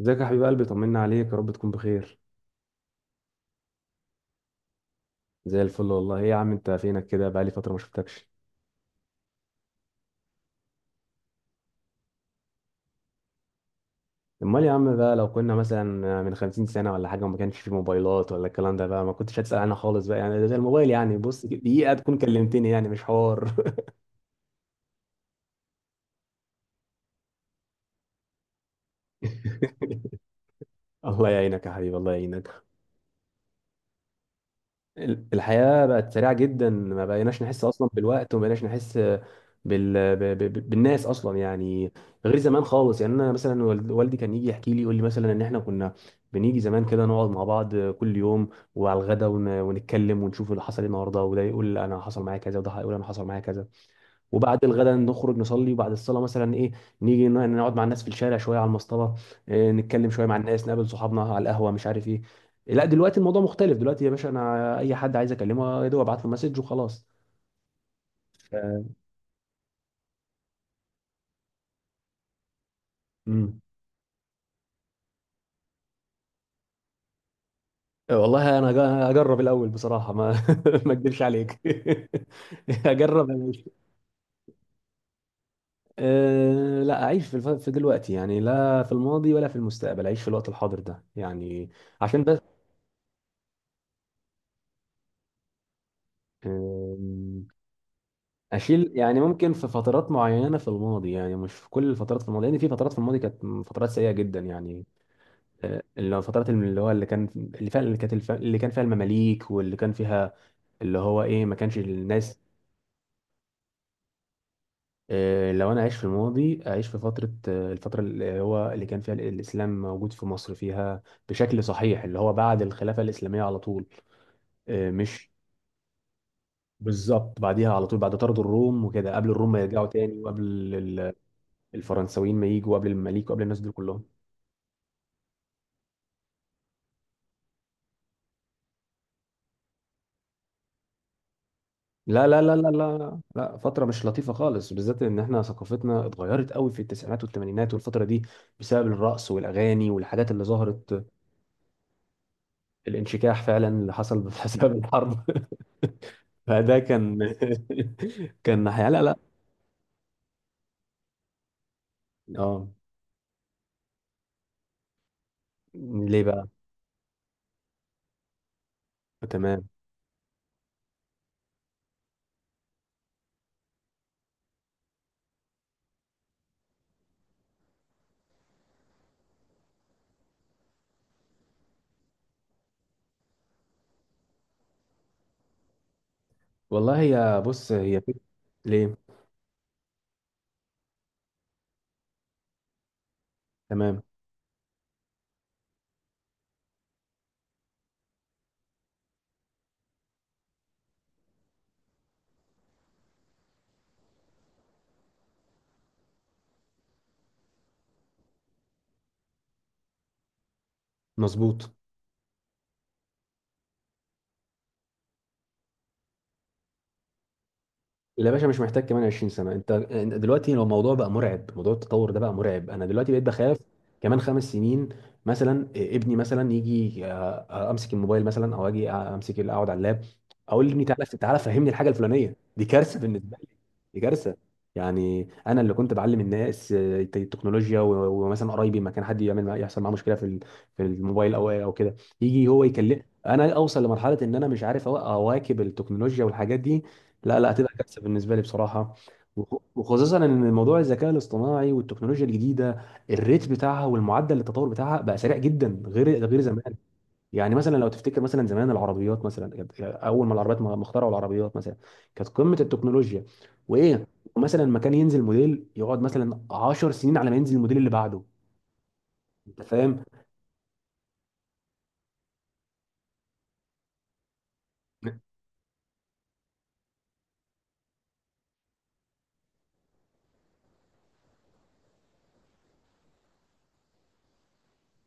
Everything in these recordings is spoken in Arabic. ازيك يا حبيب قلبي، طمنا عليك، يا رب تكون بخير. زي الفل والله. ايه يا عم، انت فينك كده؟ بقالي فتره ما شفتكش. امال يا عم، بقى لو كنا مثلا من 50 سنة سنه ولا حاجه وما كانش في موبايلات ولا الكلام ده، بقى ما كنتش هتسال عنها خالص، بقى يعني ده زي الموبايل يعني، بص دقيقه تكون كلمتني، يعني مش حوار. الله يعينك يا حبيبي، الله يعينك. الحياة بقت سريعة جدا، ما بقيناش نحس أصلا بالوقت، وما بقيناش نحس بالناس أصلا يعني. غير زمان خالص يعني. أنا مثلا والدي كان يجي يحكي لي، يقول لي مثلا إن إحنا كنا بنيجي زمان كده نقعد مع بعض كل يوم وعلى الغدا ونتكلم ونشوف اللي حصل إيه النهاردة، وده يقول أنا حصل معايا كذا، وده يقول أنا حصل معايا كذا. وبعد الغداء نخرج نصلي، وبعد الصلاه مثلا ايه، نيجي نقعد مع الناس في الشارع شويه على المصطبه، إيه، نتكلم شويه مع الناس، نقابل صحابنا على القهوه، مش عارف ايه. لا دلوقتي الموضوع مختلف، دلوقتي يا باشا انا اي حد عايز اكلمه، يا دوب ابعت له مسج وخلاص. ف- امم والله انا هجرب الاول بصراحه، ما ما اكدبش عليك. هجرب أعيش. أه، لا اعيش في دلوقتي يعني، لا في الماضي ولا في المستقبل، اعيش في الوقت الحاضر ده يعني، عشان بس. اشيل يعني؟ ممكن في فترات معينه في الماضي، يعني مش في كل الفترات في الماضي، لان في فترات في الماضي كانت فترات سيئه جدا يعني. آه، اللي هو الفترات، اللي هو اللي كان، اللي فعلا اللي كانت اللي كان فيها المماليك، واللي كان فيها اللي هو ايه، ما كانش الناس. آه، لو انا عايش في الماضي اعيش في فتره، آه، الفتره اللي هو اللي كان فيها الاسلام موجود في مصر، فيها بشكل صحيح، اللي هو بعد الخلافه الاسلاميه على طول. آه، مش بالظبط، بعديها على طول، بعد طرد الروم وكده، قبل الروم ما يرجعوا تاني، وقبل ال- الفرنساويين ما يجوا، قبل المماليك وقبل الناس دول كلهم. لا لا لا لا لا لا، فترة مش لطيفة خالص، بالذات ان احنا ثقافتنا اتغيرت قوي في التسعينات والثمانينات والفترة دي، بسبب الرقص والاغاني والحاجات اللي ظهرت. الانشكاح فعلا اللي حصل بسبب الحرب. فده كان كان ناحية، لا لا. اه. ليه بقى؟ تمام. والله هي، بص، هي ليه؟ تمام. مظبوط. لا يا باشا، مش محتاج كمان 20 سنة. انت انت دلوقتي لو الموضوع بقى مرعب، موضوع التطور ده بقى مرعب. انا دلوقتي بقيت بخاف كمان 5 سنين. مثلا إيه، ابني مثلا يجي، آه، آه، امسك الموبايل مثلا، او اجي، آه، امسك اقعد على اللاب، اقول لابني تعالى تعالى فهمني الحاجة الفلانية دي، كارثة بالنسبة لي. دي كارثة. يعني انا اللي كنت بعلم الناس، آه، التكنولوجيا، ومثلا قرايبي، ما كان حد يعمل يحصل معاه مشكلة في في الموبايل او كده، يجي هو يكلم. انا اوصل لمرحلة ان انا مش عارف اواكب التكنولوجيا والحاجات دي، لا لا، هتبقى كارثه بالنسبه لي بصراحه. وخصوصا ان موضوع الذكاء الاصطناعي والتكنولوجيا الجديده، الريت بتاعها والمعدل التطور بتاعها بقى سريع جدا، غير زمان. يعني مثلا لو تفتكر، مثلا زمان العربيات، مثلا كانت، اول ما العربيات ما اخترعوا العربيات مثلا، كانت قمه التكنولوجيا. وايه، مثلا ما كان ينزل موديل يقعد مثلا 10 سنين على ما ينزل الموديل اللي بعده. انت فاهم،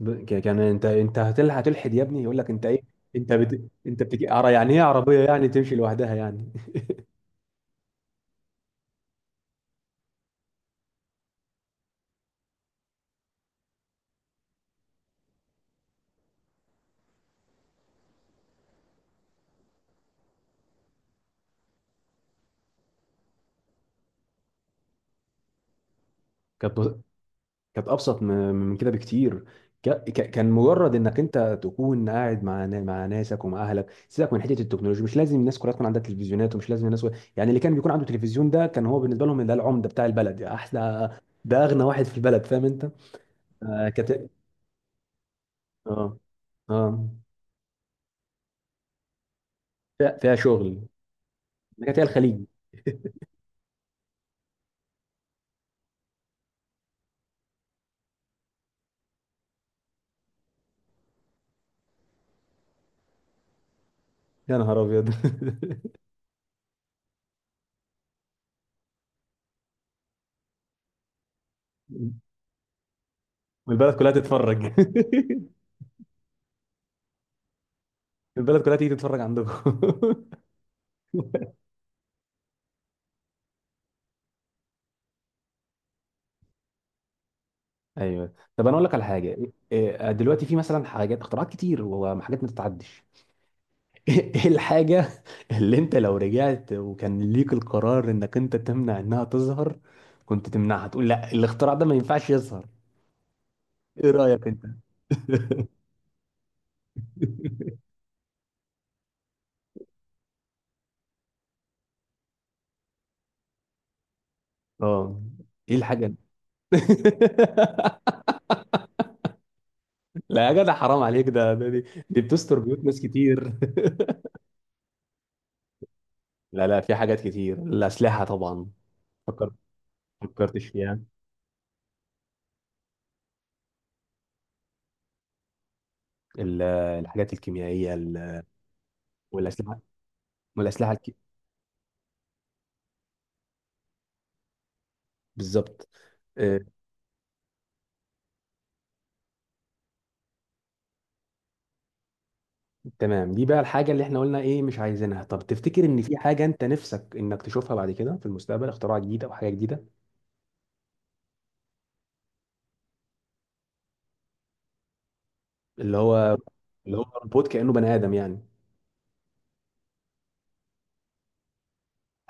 كان انت انت هتلحد يا ابني، يقول لك انت ايه؟ انت انت بتجي يعني ايه عربيه يعني تمشي لوحدها يعني؟ كانت، كانت ابسط من كده بكتير. كان مجرد انك انت تكون قاعد مع ناسك، ومع اهلك، سيبك من حته التكنولوجيا، مش لازم الناس كلها تكون عندها تلفزيونات، ومش لازم الناس يعني، اللي كان بيكون عنده تلفزيون ده، كان هو بالنسبه لهم ده العمده بتاع البلد يعني، احلى، ده اغنى واحد في البلد. فاهم انت؟ آه كت... اه اه، فيها شغل. كانت هي الخليج. يا نهار ابيض. والبلد كلها تتفرج. البلد كلها تيجي تتفرج عندكم. ايوه. طب انا اقول لك على حاجه. إيه، دلوقتي في مثلا حاجات اختراعات كتير وحاجات ما تتعدش. ايه الحاجه اللي انت لو رجعت وكان ليك القرار انك انت تمنع انها تظهر، كنت تمنعها تقول لا الاختراع ده ما ينفعش يظهر؟ ايه رايك انت؟ اه، ايه الحاجه دي؟ لا يا جدع، حرام عليك، دي بتستر بيوت ناس كتير. لا لا، في حاجات كتير، الاسلحه طبعا. فكرت فكرتش فيها؟ الحاجات الكيميائيه، والاسلحه، والاسلحه الك... بالظبط، آه، تمام. دي بقى الحاجه اللي احنا قلنا ايه، مش عايزينها. طب تفتكر ان في حاجه انت نفسك انك تشوفها بعد كده في المستقبل، اختراع جديد او حاجه جديده؟ اللي هو اللي هو روبوت كانه بني ادم يعني؟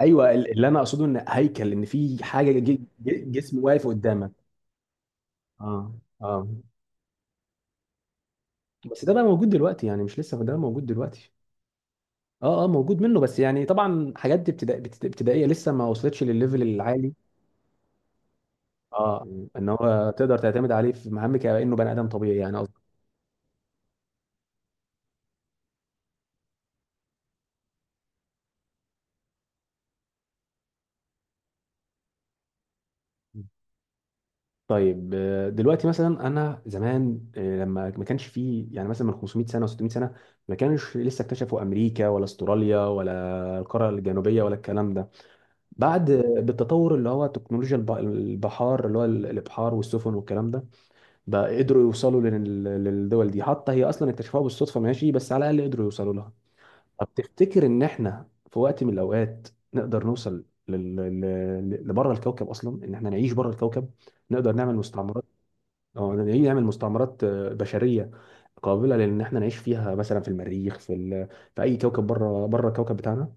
ايوه اللي انا اقصده ان هيكل، ان في حاجه جسم واقف قدامك. اه اه. بس ده بقى موجود دلوقتي يعني، مش لسه، ده موجود دلوقتي. اه اه، موجود منه بس يعني، طبعا حاجات دي ابتدائيه، لسه ما وصلتش للليفل العالي. اه. مم. ان هو تقدر تعتمد عليه في مهامك كانه بني ادم طبيعي يعني، قصدي. طيب، آه، دلوقتي مثلا انا زمان، آه، لما ما كانش فيه، يعني مثلا من 500 سنة سنه و 600 سنة سنه، ما كانش لسه اكتشفوا امريكا ولا استراليا ولا القاره الجنوبيه ولا الكلام ده. بعد، آه، بالتطور اللي هو تكنولوجيا البحار، اللي هو الابحار والسفن والكلام ده، بقى قدروا يوصلوا للدول دي. حتى هي اصلا اكتشفوها بالصدفه، ماشي، بس على الاقل قدروا يوصلوا لها. طب تفتكر ان احنا في وقت من الاوقات نقدر نوصل لبره الكوكب اصلا؟ ان احنا نعيش بره الكوكب، نقدر نعمل مستعمرات، او نعمل مستعمرات، آه، بشريه قابله لان احنا نعيش فيها، مثلا في المريخ، في ال...، في اي كوكب بره، الكوكب بتاعنا.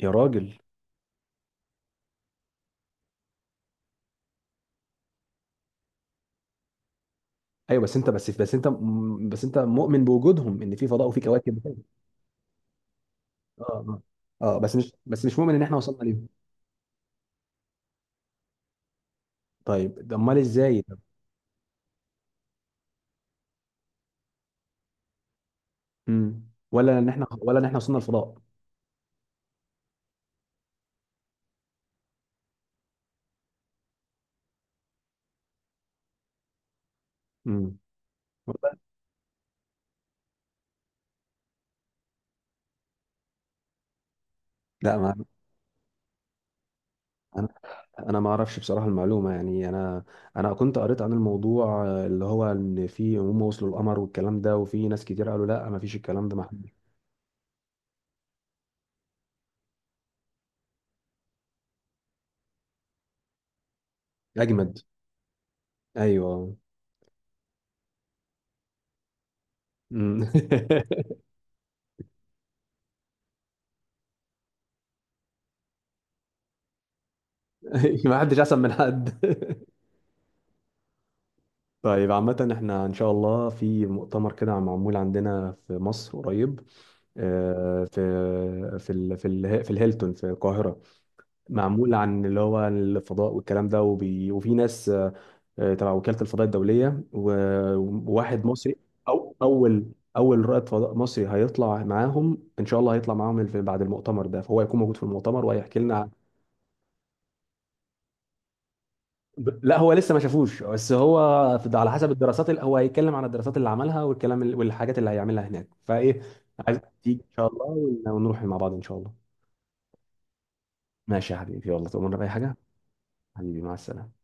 يا راجل! ايوه بس انت بس انت مؤمن بوجودهم، ان في فضاء وفي كواكب تاني. اه اه اه، بس مش مؤمن ان احنا وصلنا ليهم. طيب ده، امال ازاي ده؟ مم. ولا ان احنا وصلنا الفضاء. مم. لا، ما انا ما اعرفش بصراحه المعلومه، يعني انا، انا كنت قريت عن الموضوع، آه، اللي هو ان في، هم وصلوا القمر والكلام ده، وفي ناس كتير قالوا لا ما فيش الكلام ده، ما حدش. اجمد. ايوه. أمم. ما حدش احسن من حد. طيب عامه احنا ان شاء الله في مؤتمر كده معمول عندنا في مصر قريب، آه، في الهيلتون في القاهره، معمول عن اللي هو الفضاء والكلام ده، وفي ناس، آه، تبع وكالة الفضاء الدولية، وواحد مصري. أول أول رائد فضاء مصري هيطلع معاهم إن شاء الله، هيطلع معاهم بعد المؤتمر ده، فهو هيكون موجود في المؤتمر وهيحكي لنا لا، هو لسه ما شافوش، بس هو على حسب الدراسات، اللي هو هيتكلم عن الدراسات اللي عملها، والكلام والحاجات اللي هيعملها هناك، فإيه. عايز تيجي إن شاء الله، ونروح مع بعض إن شاء الله. ماشي يا حبيبي، والله تؤمرنا بأي حاجة. حبيبي مع السلامة.